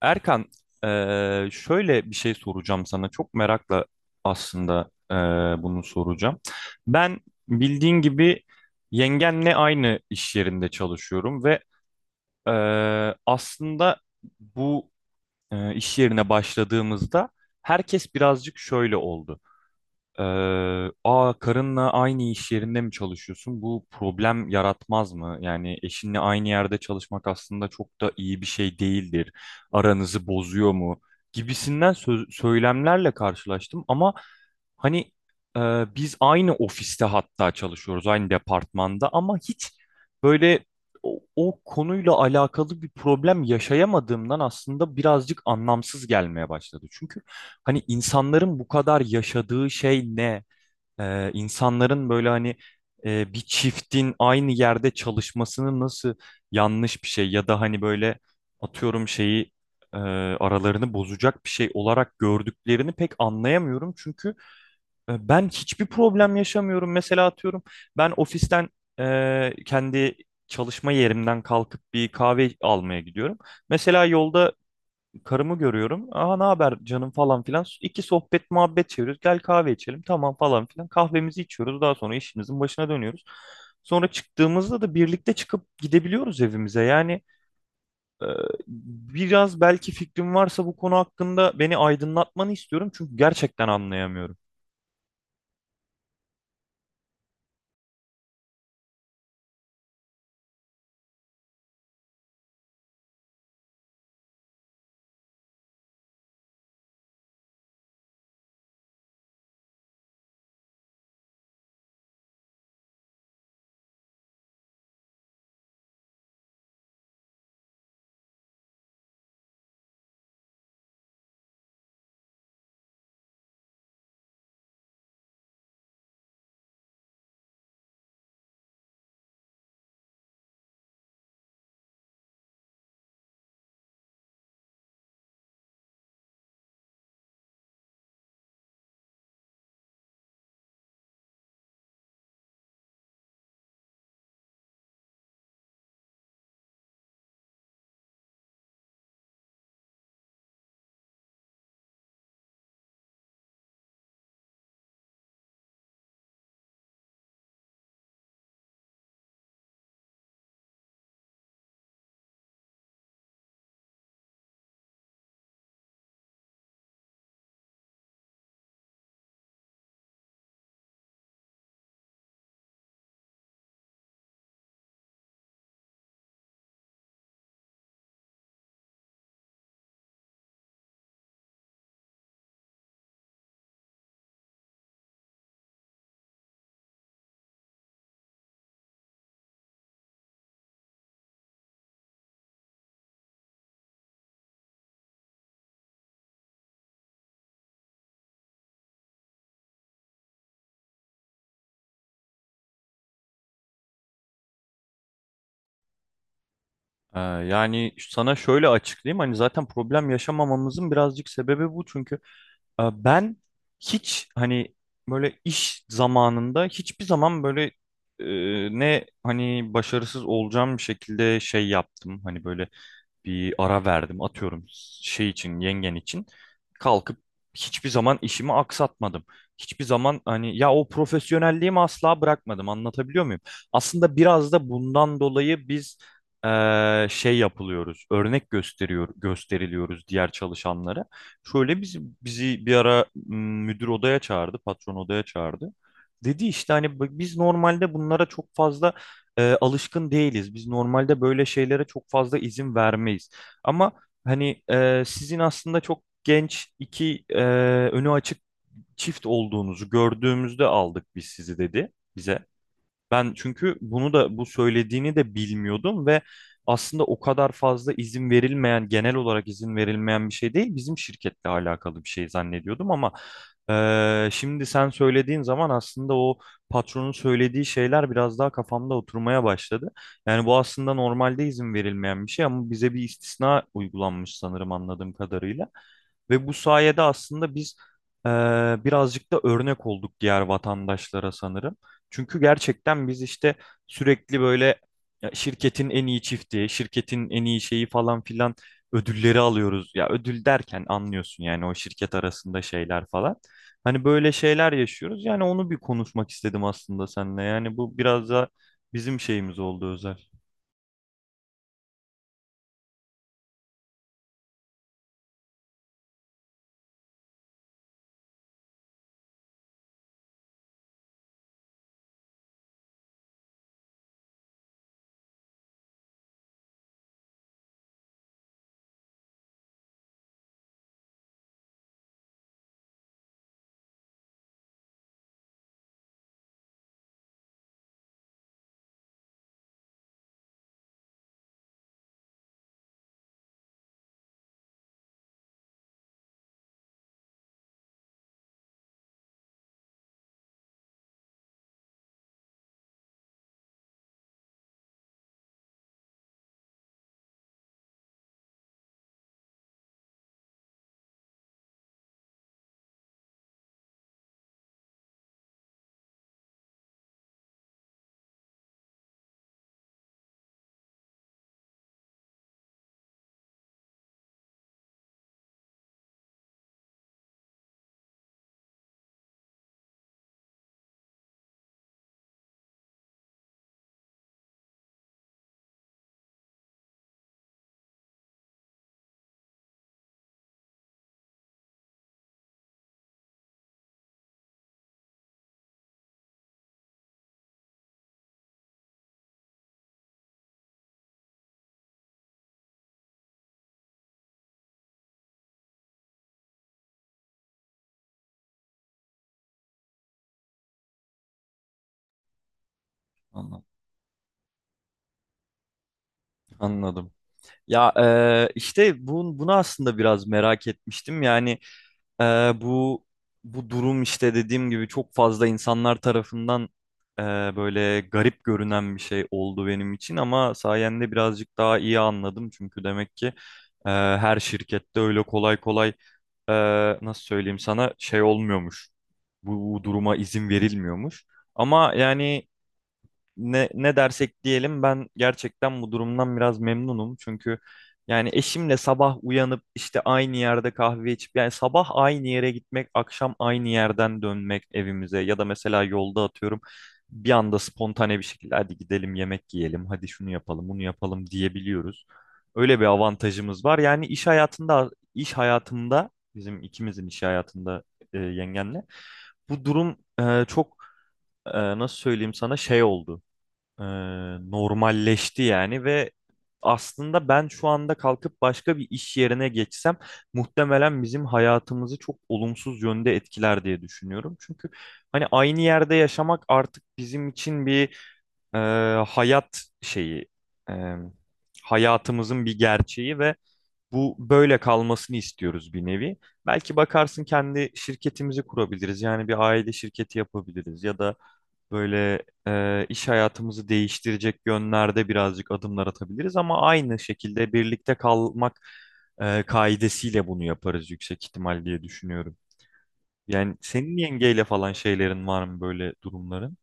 Erkan, şöyle bir şey soracağım sana. Çok merakla aslında bunu soracağım. Ben bildiğin gibi yengenle aynı iş yerinde çalışıyorum ve aslında bu iş yerine başladığımızda herkes birazcık şöyle oldu. Aa Karınla aynı iş yerinde mi çalışıyorsun? Bu problem yaratmaz mı? Yani eşinle aynı yerde çalışmak aslında çok da iyi bir şey değildir. Aranızı bozuyor mu? Gibisinden söylemlerle karşılaştım ama hani e, biz aynı ofiste hatta çalışıyoruz, aynı departmanda ama hiç böyle o konuyla alakalı bir problem yaşayamadığımdan aslında birazcık anlamsız gelmeye başladı. Çünkü hani insanların bu kadar yaşadığı şey ne? İnsanların böyle hani bir çiftin aynı yerde çalışmasını nasıl yanlış bir şey ya da hani böyle atıyorum şeyi aralarını bozacak bir şey olarak gördüklerini pek anlayamıyorum. Çünkü ben hiçbir problem yaşamıyorum. Mesela atıyorum ben ofisten kendi çalışma yerimden kalkıp bir kahve almaya gidiyorum. Mesela yolda karımı görüyorum. Aha ne haber canım falan filan. İki sohbet muhabbet çeviriyoruz. Gel kahve içelim tamam falan filan. Kahvemizi içiyoruz. Daha sonra işimizin başına dönüyoruz. Sonra çıktığımızda da birlikte çıkıp gidebiliyoruz evimize. Yani e, biraz belki fikrim varsa bu konu hakkında beni aydınlatmanı istiyorum. Çünkü gerçekten anlayamıyorum. Yani sana şöyle açıklayayım hani zaten problem yaşamamamızın birazcık sebebi bu çünkü ben hiç hani böyle iş zamanında hiçbir zaman böyle ne hani başarısız olacağım şekilde şey yaptım hani böyle bir ara verdim atıyorum şey için yengen için kalkıp hiçbir zaman işimi aksatmadım. Hiçbir zaman hani ya o profesyonelliğimi asla bırakmadım anlatabiliyor muyum? Aslında biraz da bundan dolayı biz şey yapılıyoruz örnek gösteriliyoruz diğer çalışanlara. Şöyle bizi bir ara müdür odaya çağırdı patron odaya çağırdı. Dedi işte hani biz normalde bunlara çok fazla alışkın değiliz. Biz normalde böyle şeylere çok fazla izin vermeyiz. Ama hani sizin aslında çok genç iki önü açık çift olduğunuzu gördüğümüzde aldık biz sizi dedi bize. Ben çünkü bunu da bu söylediğini de bilmiyordum ve aslında o kadar fazla izin verilmeyen, genel olarak izin verilmeyen bir şey değil, bizim şirketle alakalı bir şey zannediyordum ama şimdi sen söylediğin zaman aslında o patronun söylediği şeyler biraz daha kafamda oturmaya başladı. Yani bu aslında normalde izin verilmeyen bir şey ama bize bir istisna uygulanmış sanırım anladığım kadarıyla. Ve bu sayede aslında biz birazcık da örnek olduk diğer vatandaşlara sanırım. Çünkü gerçekten biz işte sürekli böyle ya şirketin en iyi çifti, şirketin en iyi şeyi falan filan ödülleri alıyoruz. Ya ödül derken anlıyorsun yani o şirket arasında şeyler falan. Hani böyle şeyler yaşıyoruz. Yani onu bir konuşmak istedim aslında seninle. Yani bu biraz da bizim şeyimiz oldu özel. Anladım. Anladım. Ya işte bunu aslında biraz merak etmiştim. Yani Ee, bu bu durum işte dediğim gibi çok fazla insanlar tarafından e, böyle garip görünen bir şey oldu benim için ama sayende birazcık daha iyi anladım çünkü demek ki her şirkette öyle kolay kolay e, nasıl söyleyeyim sana şey olmuyormuş. Bu duruma izin verilmiyormuş. Ama yani ne dersek diyelim ben gerçekten bu durumdan biraz memnunum. Çünkü yani eşimle sabah uyanıp işte aynı yerde kahve içip yani sabah aynı yere gitmek, akşam aynı yerden dönmek evimize ya da mesela yolda atıyorum bir anda spontane bir şekilde hadi gidelim yemek yiyelim, hadi şunu yapalım, bunu yapalım diyebiliyoruz. Öyle bir avantajımız var. İş hayatımda bizim ikimizin iş hayatında yengenle bu durum çok nasıl söyleyeyim sana şey oldu e, normalleşti yani ve aslında ben şu anda kalkıp başka bir iş yerine geçsem muhtemelen bizim hayatımızı çok olumsuz yönde etkiler diye düşünüyorum. Çünkü hani aynı yerde yaşamak artık bizim için bir e, hayat şeyi, e, hayatımızın bir gerçeği ve bu böyle kalmasını istiyoruz bir nevi. Belki bakarsın kendi şirketimizi kurabiliriz. Yani bir aile şirketi yapabiliriz ya da böyle iş hayatımızı değiştirecek yönlerde birazcık adımlar atabiliriz ama aynı şekilde birlikte kalmak kaidesiyle bunu yaparız yüksek ihtimal diye düşünüyorum. Yani senin yengeyle falan şeylerin var mı böyle durumların?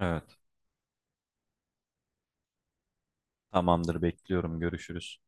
Evet. Tamamdır, bekliyorum. Görüşürüz.